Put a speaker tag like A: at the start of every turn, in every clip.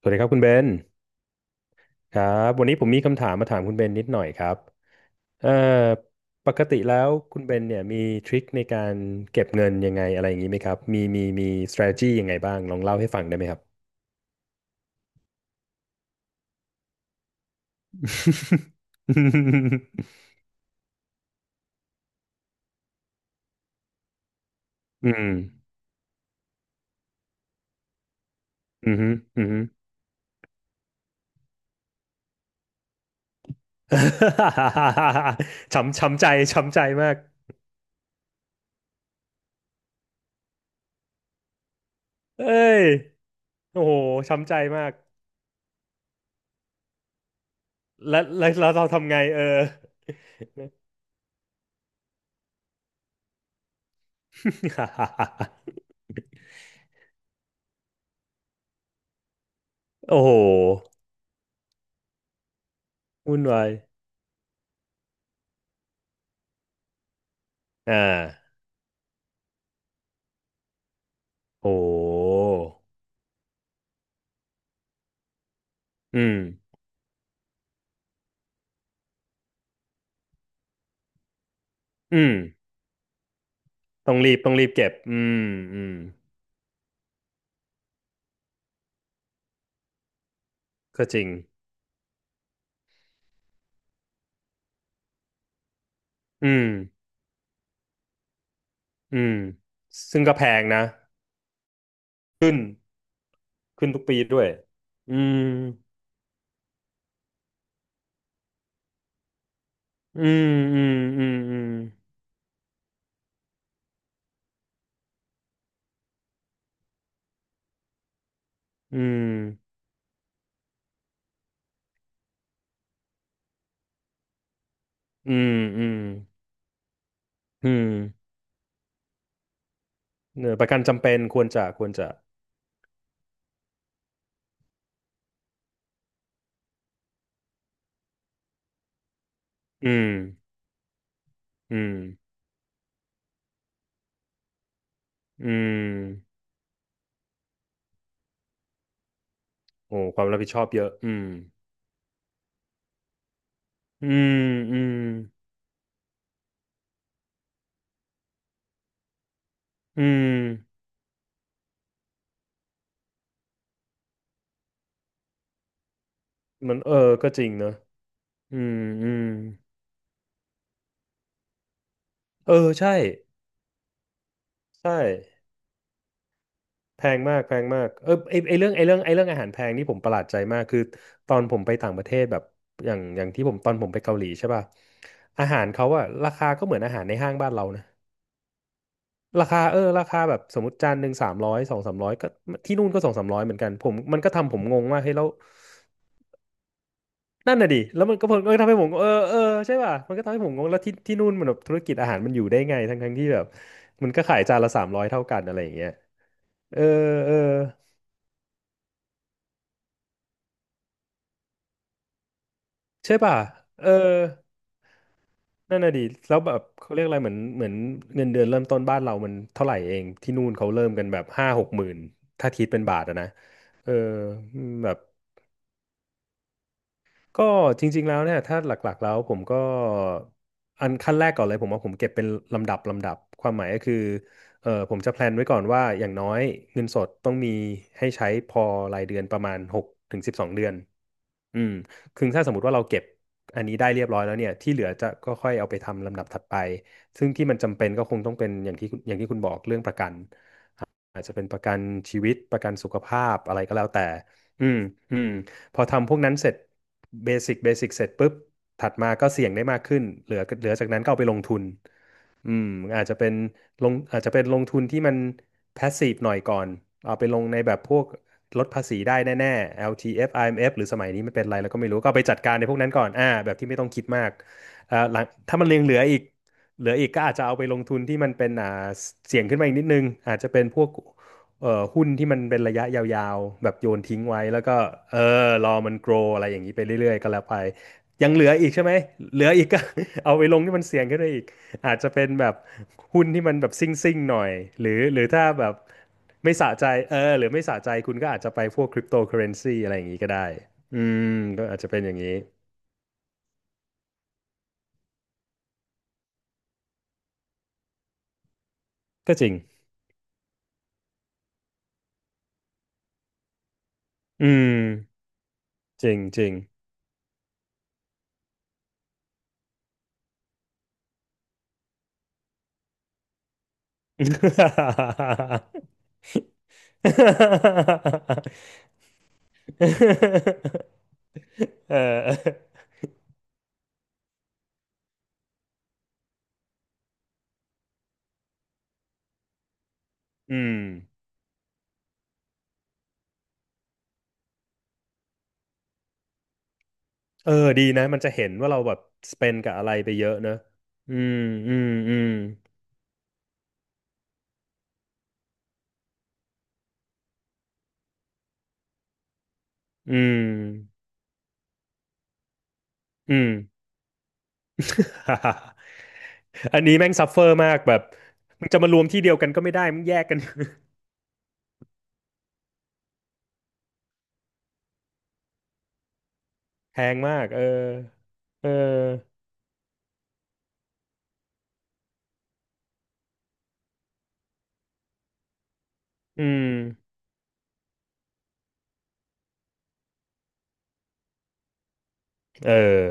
A: สวัสดีครับคุณเบน ครับ วันนี้ผมมีคำถามมาถามคุณเบนนิดหน่อยครับเอ่อปกติแล้วคุณเบนเนี่ยมีทริคในการเก็บเงินยังไงอะไรอย่างนี้ไหมครับมี strategy ยังไงบ้าง ลองเล่าให้ฟังได้ไหมครับ อืมอืมอืม ช้ำใจช้ำใจมากเอ้ยโอ้โหช้ำใจมากแล้วเราทำไงเออ โอ้โหวุ่นวายอ่า โอ้อืมอืมต้องรีบเก็บอืมก็จริง อืมอืมซึ่งก็แพงนะ ขึ้น ขึ้นทุกปีด้วย อืมอืมอืมอืมอืมอืมอืมอืมอืมเออประกันจำเป็นควรจะอืมอืมอืมโอ้ความรับผิดชอบเยอะอืมอืมอืมมันเออก็จริงเนอะอืมอืมเออใช่ ใช่แพงมากแพงมากเออไอไอเรื่องไอเรื่องไอเรื่องอาหารแพงนี่ผมประหลาดใจมากคือตอนผมไปต่างประเทศแบบอย่างที่ผมตอนผมไปเกาหลีใช่ป่ะอาหารเขาอะราคาก็เหมือนอาหารในห้างบ้านเรานะราคาเออราคาแบบสมมติจานหนึ่งสามร้อยสองสามร้อยก็ที่นู่นก็สองสามร้อยเหมือนกันผมมันก็ทำผมงงว่าเฮ้ยแล้วนั่นน่ะดิแล้วมันก็ผลก็ทำให้ผมงงเออเออใช่ป่ะมันก็ทำให้ผมงงแล้วที่ที่นู่นมันแบบธุรกิจอาหารมันอยู่ได้ไงทั้งที่แบบมันก็ขายจานละสามร้อยเท่ากันอะไรอย่างเงี้ยเออเออ ใช่ป่ะ เออ นั่นน่ะดิแล้วแบบเขาเรียกอะไรเหมือนเงินเดือนเริ่มต้นบ้านเรามันเท่าไหร่เองที่นู่นเขาเริ่มกันแบบห้าหกหมื่นถ้าคิดเป็นบาทอะนะ เออแบบ ก็จริงๆแล้วเนี่ยถ้าหลักๆแล้วผมก็อันขั้นแรกก่อนเลยผมว่าผมเก็บเป็นลำดับความหมายก็คือเออผมจะแพลนไว้ก่อนว่าอย่างน้อยเงินสดต้องมีให้ใช้พอรายเดือนประมาณหกถึงสิบสองเดือนอืมคือถ้าสมมติว่าเราเก็บอันนี้ได้เรียบร้อยแล้วเนี่ยที่เหลือจะก็ค่อยเอาไปทำลำดับถัดไปซึ่งที่มันจำเป็นก็คงต้องเป็นอย่างที่คุณบอกเรื่องประกัน อาจจะเป็นประกันชีวิตประกันสุขภาพอะไรก็แล้วแต่ อืม อืม พอทำพวกนั้นเสร็จเบสิกเสร็จปุ๊บ ถัดมาก็เสี่ยงได้มากขึ้นเหลือจากนั้นก็เอาไปลงทุน อืมอาจจะเป็นลงอาจจะเป็นลงทุนที่มัน passive หน่อยก่อนเอาไปลงในแบบพวกลดภาษีได้แน่ๆ LTF IMF หรือสมัยนี้มันเป็นอะไรแล้วก็ไม่รู้ก็เอาไปจัดการในพวกนั้นก่อนอ่าแบบที่ไม่ต้องคิดมากอ่าหลังถ้ามันยังเหลืออีกก็อาจจะเอาไปลงทุนที่มันเป็นอ่าเสี่ยงขึ้นมาอีกนิดนึงอาจจะเป็นพวกเอ่อหุ้นที่มันเป็นระยะยาวๆแบบโยนทิ้งไว้แล้วก็เออรอมัน grow อะไรอย่างนี้ไปเรื่อยๆก็แล้วไปยังเหลืออีกใช่ไหมเหลืออีกก็ เอาไปลงที่มันเสี่ยงขึ้นไปอีก อาจจะเป็นแบบหุ้นที่มันแบบซิ่งซิ่งหน่อยหรือถ้าแบบไม่สะใจเออหรือไม่สะใจคุณก็อาจจะไปพวกคริปโตเคอเรนซีอะไรอย่างนี้ก็ได้อืมก็อาจจะเป็นอย่างนี้ก็จริงอืมจริงจริง เอออืมเออดีนะมันจะเห็นว่าเราแบบสเปนกับอะไรไปเยอะเนอะอืมอืมอืมอืมอืม อันนี้แม่งซัฟเฟอร์มากแบบมึงจะมารวมที่เดียวกันก็ไม่ได้มึงแยกกัน แพงมากเออเอออืมเออ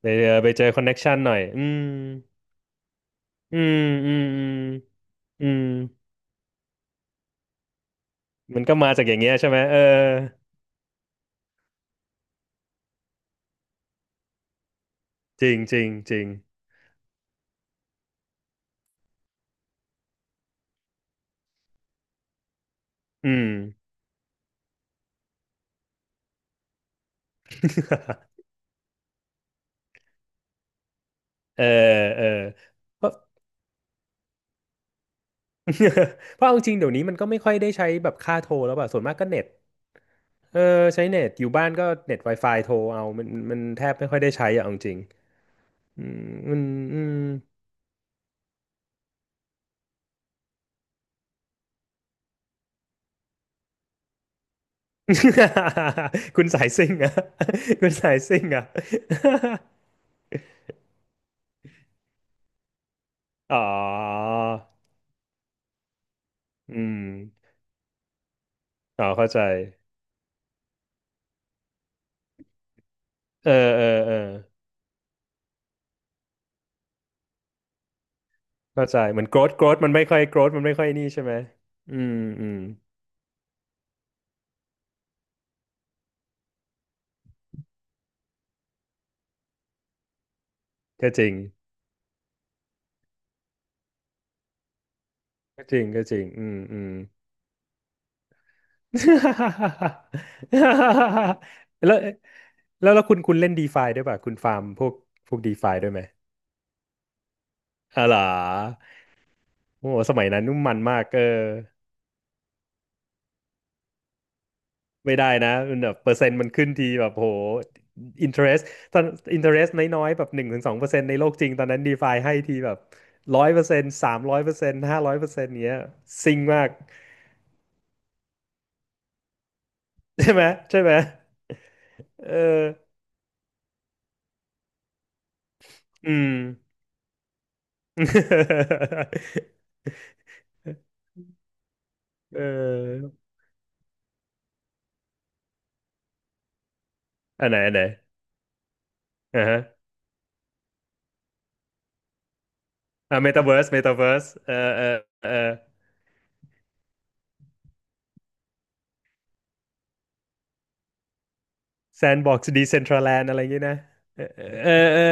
A: ไปเจอไปเจอคอนเน็กชันหน่อยอืมอืมอืมอืมมันก็มาจากอย่างเงี้ยใช่ไหมเออจริงจริงจริงอืม เออเออเพราะ เพราะเอาจริงเดี๋ยวนี้มันก็ไม่ค่อยได้ใช้แบบค่าโทรแล้วป่ะส่วนมากก็เน็ต เออใช้เน็ตอยู่บ้านก็เน็ต Wi-Fi โทรเอามันมันแทบไม่ค่อยได้ใช้อะเอาจริงๆอืมมันอืม คุณสายซิ่งอะ คุณสายซิ่งอะ อ๋ออืมอ๋อเข้าใจเออเออเออเข้าใจเหมือน growth มันไม่ค่อย growth มันไม่ค่อยนี่ใช่ไหมอืมอืมก็จริงก็จริงก็จริงอืมอืม แล้วแล้วแล้วคุณเล่นดีฟาด้วยป่ะคุณฟาร์มพวกดีฟาด้วยไหมอ๋อเหรอโอ้โหสมัยนั้นนุ่มมันมากเออไม่ได้นะมันแบบเปอร์เซ็นต์มันขึ้นทีแบบโหอินเทอร์เรสตอนอินเทอร์เรสน้อยๆแบบหนึ่งถึงสองเปอร์เซ็นต์ในโลกจริงตอนนั้นดีฟาให้ทีแบบร้อยเปอร์เซ็นต์สามร้อยเปอร์เซ็นต์ห้าร้อยเปอร์เซ็นต์เนี้ยซิงมาก ใช่ไหมใช่ไหมเอออืม เอออันไหนอันไหน อ่าฮะอ่าเมตาเวิร์สเอ่อแซนด์บ็อกซ์ดีเซนทรัลแลนด์อะไรอย่างงี้นะเออเออเออ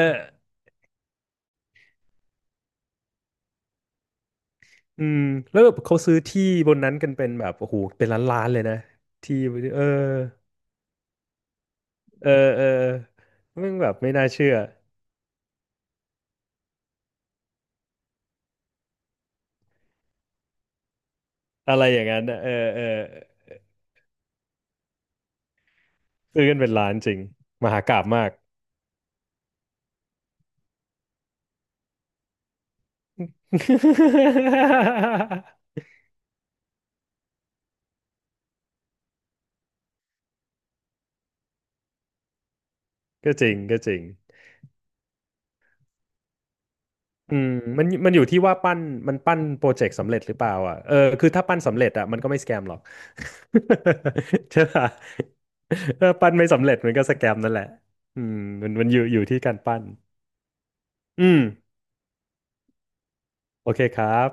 A: อืมแล้วแบบเขาซื้อที่บนนั้นกันเป็นแบบโอ้โหเป็นล้านล้านเลยนะที่เออเออเออมึงแบบไม่น่าเชื่ออะไรอย่างนั้นนะเออเออซื้อกันเป็นล้านจริงมหากาพย์มาก ก็จริงก็จริง อืมมันมันอยู่ที่ว่าปั้นมันปั้นโปรเจกต์สำเร็จหรือเปล่าอ่ะเออคือถ้าปั้นสำเร็จอ่ะมันก็ไม่สแกมหรอก ใช่ป่ะถ้าปั้นไม่สำเร็จมันก็สแกมนั่นแหละอืมมันอยู่ที่การปั้นอืมโอเคครับ